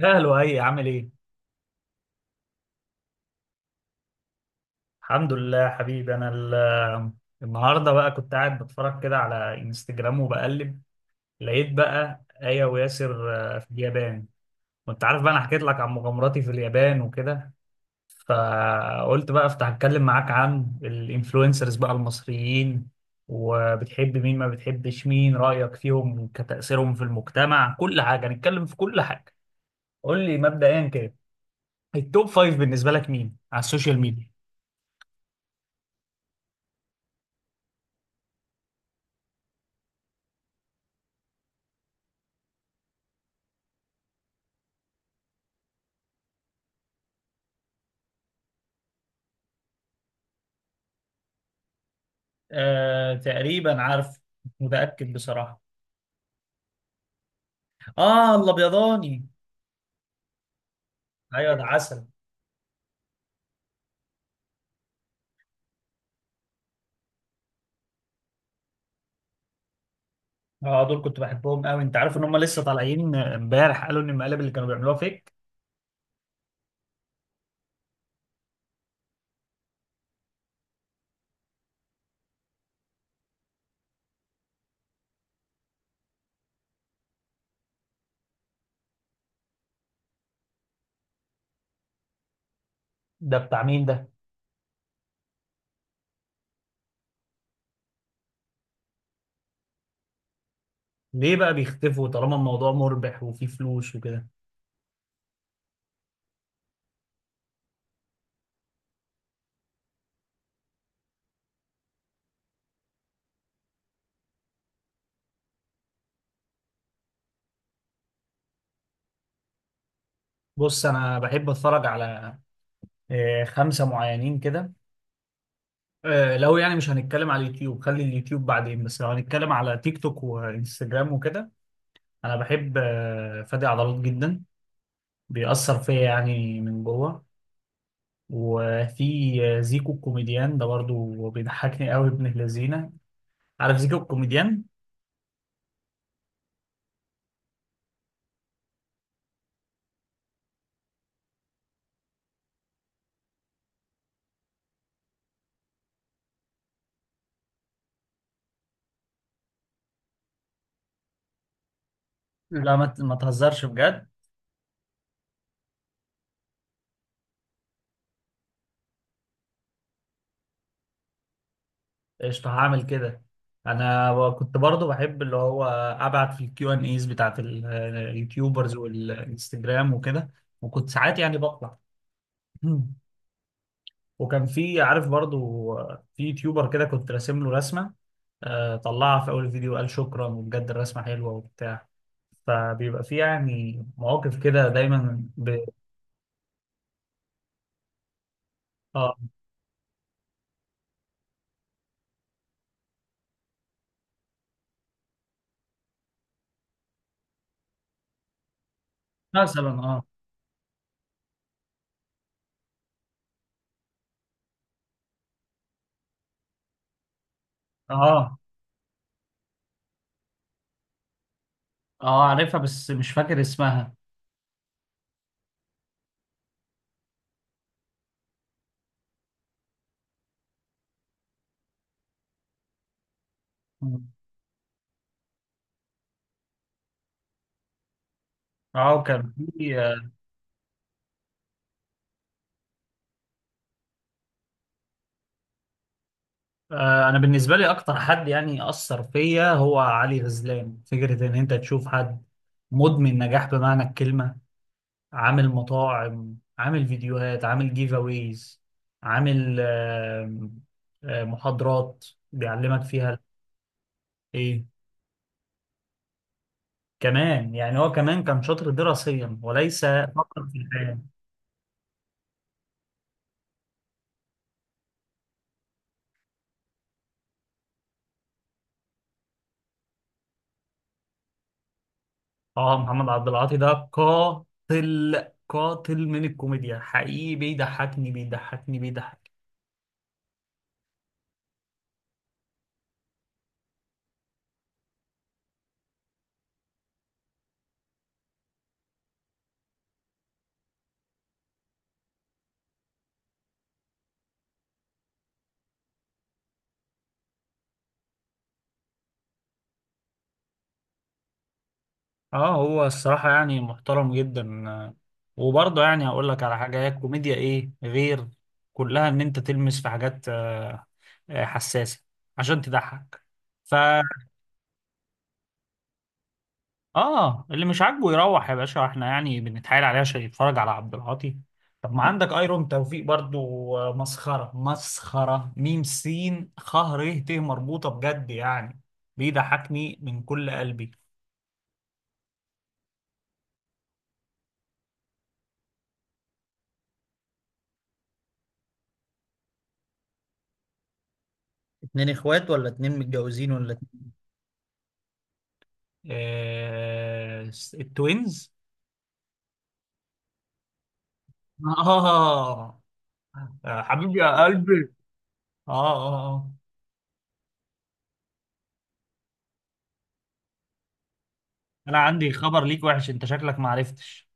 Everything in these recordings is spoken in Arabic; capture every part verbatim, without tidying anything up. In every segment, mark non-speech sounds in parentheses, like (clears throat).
يا هلو، اي عامل ايه؟ الحمد لله حبيبي. انا ال- النهارده بقى كنت قاعد بتفرج كده على انستجرام وبقلب. لقيت بقى آية وياسر آه، في اليابان. وانت عارف بقى انا حكيت لك عن مغامراتي في اليابان وكده، فقلت بقى افتح اتكلم معاك عن الانفلونسرز بقى المصريين، وبتحب مين ما بتحبش مين، رأيك فيهم كتأثيرهم في المجتمع، كل حاجة هنتكلم في كل حاجة. قول لي مبدئيا كده، التوب فايف بالنسبة لك مين على السوشيال ميديا؟ آه تقريبا عارف. مش متأكد بصراحة. اه، الابيضاني. ايوه، ده عسل. اه دول كنت بحبهم قوي. انت عارف ان هم لسه طالعين امبارح قالوا ان المقالب اللي كانوا بيعملوها فيك؟ ده بتاع مين ده؟ ليه بقى بيختفوا طالما الموضوع مربح وفيه فلوس وكده؟ بص، انا بحب اتفرج على آه خمسة معينين كده. آه لو يعني مش هنتكلم على اليوتيوب، خلي اليوتيوب بعدين، بس لو هنتكلم على تيك توك وانستجرام وكده، انا بحب آه فادي عضلات جدا. بيأثر فيا يعني من جوه. وفي زيكو الكوميديان ده برضو بيضحكني قوي ابن الذين. عارف زيكو الكوميديان؟ مم. لا، ما ت- ما تهزرش بجد. قشطة، هعمل كده. انا كنت برضو بحب اللي هو ابعت في الكيو ان ايز بتاعت ال- اليوتيوبرز والانستجرام وكده. وكنت ساعات يعني بطلع. مم. (clears throat) وكان في، عارف برضو، في يوتيوبر كده كنت راسم له رسمة. آه، طلعها في اول فيديو، قال شكرا وبجد الرسمة حلوة وبتاع. فبيبقى في يعني مواقف كده دايما ب... اه. مثلا اه. اه اه عارفها بس مش فاكر اسمها. مم. اه كان في آه آه، انا بالنسبه لي اكتر حد يعني اثر فيا هو علي غزلان. فكره ان انت تشوف حد مدمن نجاح بمعنى الكلمه. عامل مطاعم، عامل فيديوهات، عامل جيف اويز، عامل آه آه محاضرات بيعلمك فيها. ايه؟ كمان يعني هو كمان كان شاطر دراسيا وليس فقط في الحياه. اه، محمد عبد العاطي ده قاتل قاتل من الكوميديا حقيقي، بيضحكني بيضحكني بيضحك. اه هو الصراحة يعني محترم جدا. آه، وبرضه يعني هقول لك على حاجة، هي الكوميديا ايه غير كلها ان انت تلمس في حاجات آه، آه، حساسة عشان تضحك. ف اه، اللي مش عاجبه يروح يا باشا، احنا يعني بنتحايل عليه عشان يتفرج على عبد العاطي. طب ما عندك ايرون توفيق برضو. آه، مسخرة مسخرة، ميم سين خ ر ت مربوطة بجد يعني. بيضحكني من كل قلبي. اتنين اخوات ولا اتنين متجوزين ولا اتنين؟ آه التوينز. آه. آه، حبيبي يا قلبي. آه, آه آه. أنا عندي خبر ليك وحش، أنت شكلك ما عرفتش.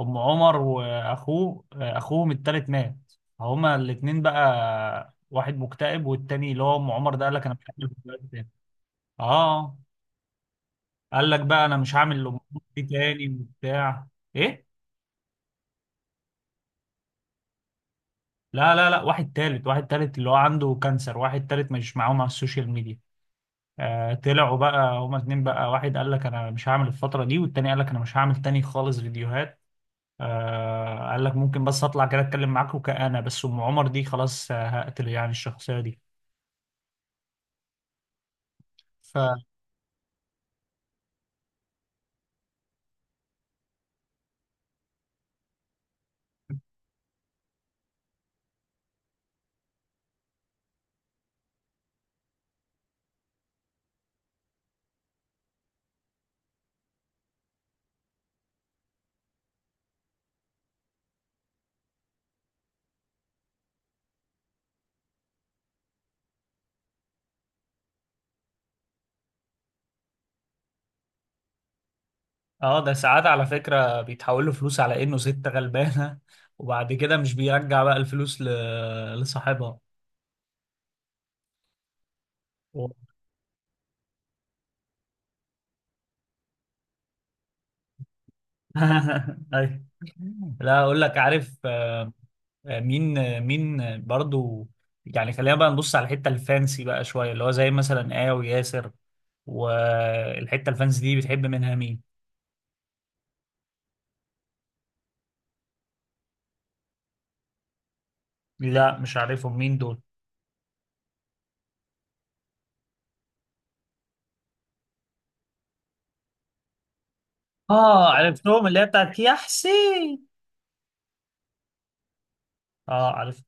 ام عمر واخوه آه، اخوهم التالت مات. هما الاتنين بقى، واحد مكتئب والتاني اللي هو ام عمر ده قال لك انا مش هعمل دلوقتي تاني. اه قال لك بقى انا مش هعمل الام عمر دي تاني وبتاع. ايه؟ لا لا لا، واحد تالت، واحد تالت اللي هو عنده كانسر، واحد تالت مش معاهم على السوشيال ميديا. آه طلعوا بقى هما اتنين بقى، واحد قال لك انا مش هعمل الفترة دي، والتاني قال لك انا مش هعمل تاني خالص فيديوهات. آه قال لك ممكن بس اطلع كده اتكلم معاكم كأنا، بس ام عمر دي خلاص آه، هقتل يعني الشخصية دي. ف اه، ده ساعات على فكرة بيتحول له فلوس على انه ست غلبانة، وبعد كده مش بيرجع بقى الفلوس ل... لصاحبها. و- (laughs) ايوه. لا اقول لك، عارف آه، آه، مين آه، مين آه، برضو، يعني خلينا بقى نبص على الحتة الفانسي بقى شوية، اللي هو زي مثلا آه وياسر. والحتة الفانسي دي بتحب منها مين؟ لا مش عارفهم، مين دول؟ اه عرفتهم، اللي هي بتاعت يا حسين. اه عارف.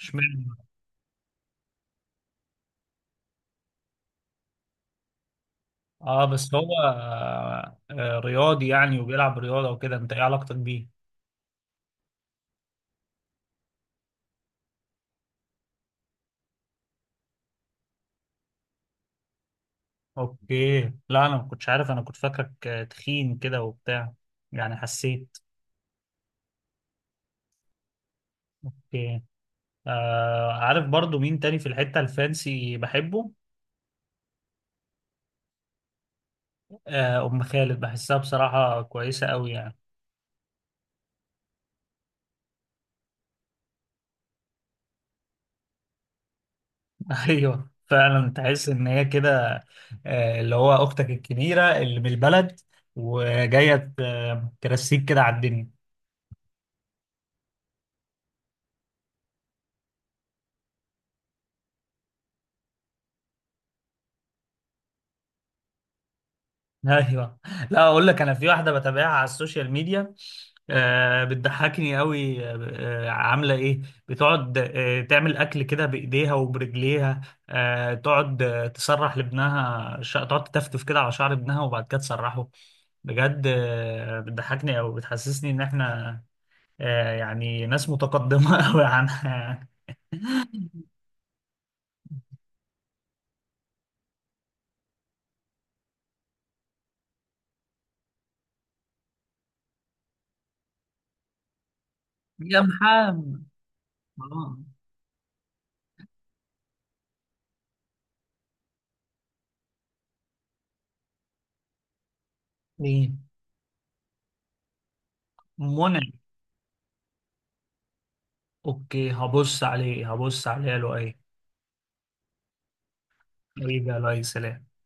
اشمعنى؟ اه بس هو آه، آه، رياضي يعني وبيلعب رياضة وكده، انت ايه علاقتك بيه؟ اوكي. لا، انا ما كنتش عارف، انا كنت فاكرك آه، تخين كده وبتاع، يعني حسيت. اوكي. آه عارف برضو مين تاني في الحتة الفانسي بحبه؟ آه ام خالد بحسها بصراحة كويسة قوي يعني. (laughs) ايوه فعلا تحس ان هي كده، آه اللي هو اختك الكبيرة اللي من البلد، وجاية آه، ترسيك كده على الدنيا. ايوه. لا اقول لك، انا في واحده بتابعها على السوشيال ميديا آه بتضحكني قوي. آه، عامله ايه، بتقعد آه تعمل اكل كده بايديها وبرجليها. آه تقعد آه تسرح لابنها، ش... تقعد تتفتف كده على شعر ابنها وبعد كده تسرحه. بجد آه بتضحكني، او بتحسسني ان احنا آه يعني ناس متقدمه (laughs) قوي عنها. يا محمد. آه. ايه؟ منى؟ اوكي، هبص عليه هبص عليه. له ايه؟ حبيبي يا لؤي، سلام.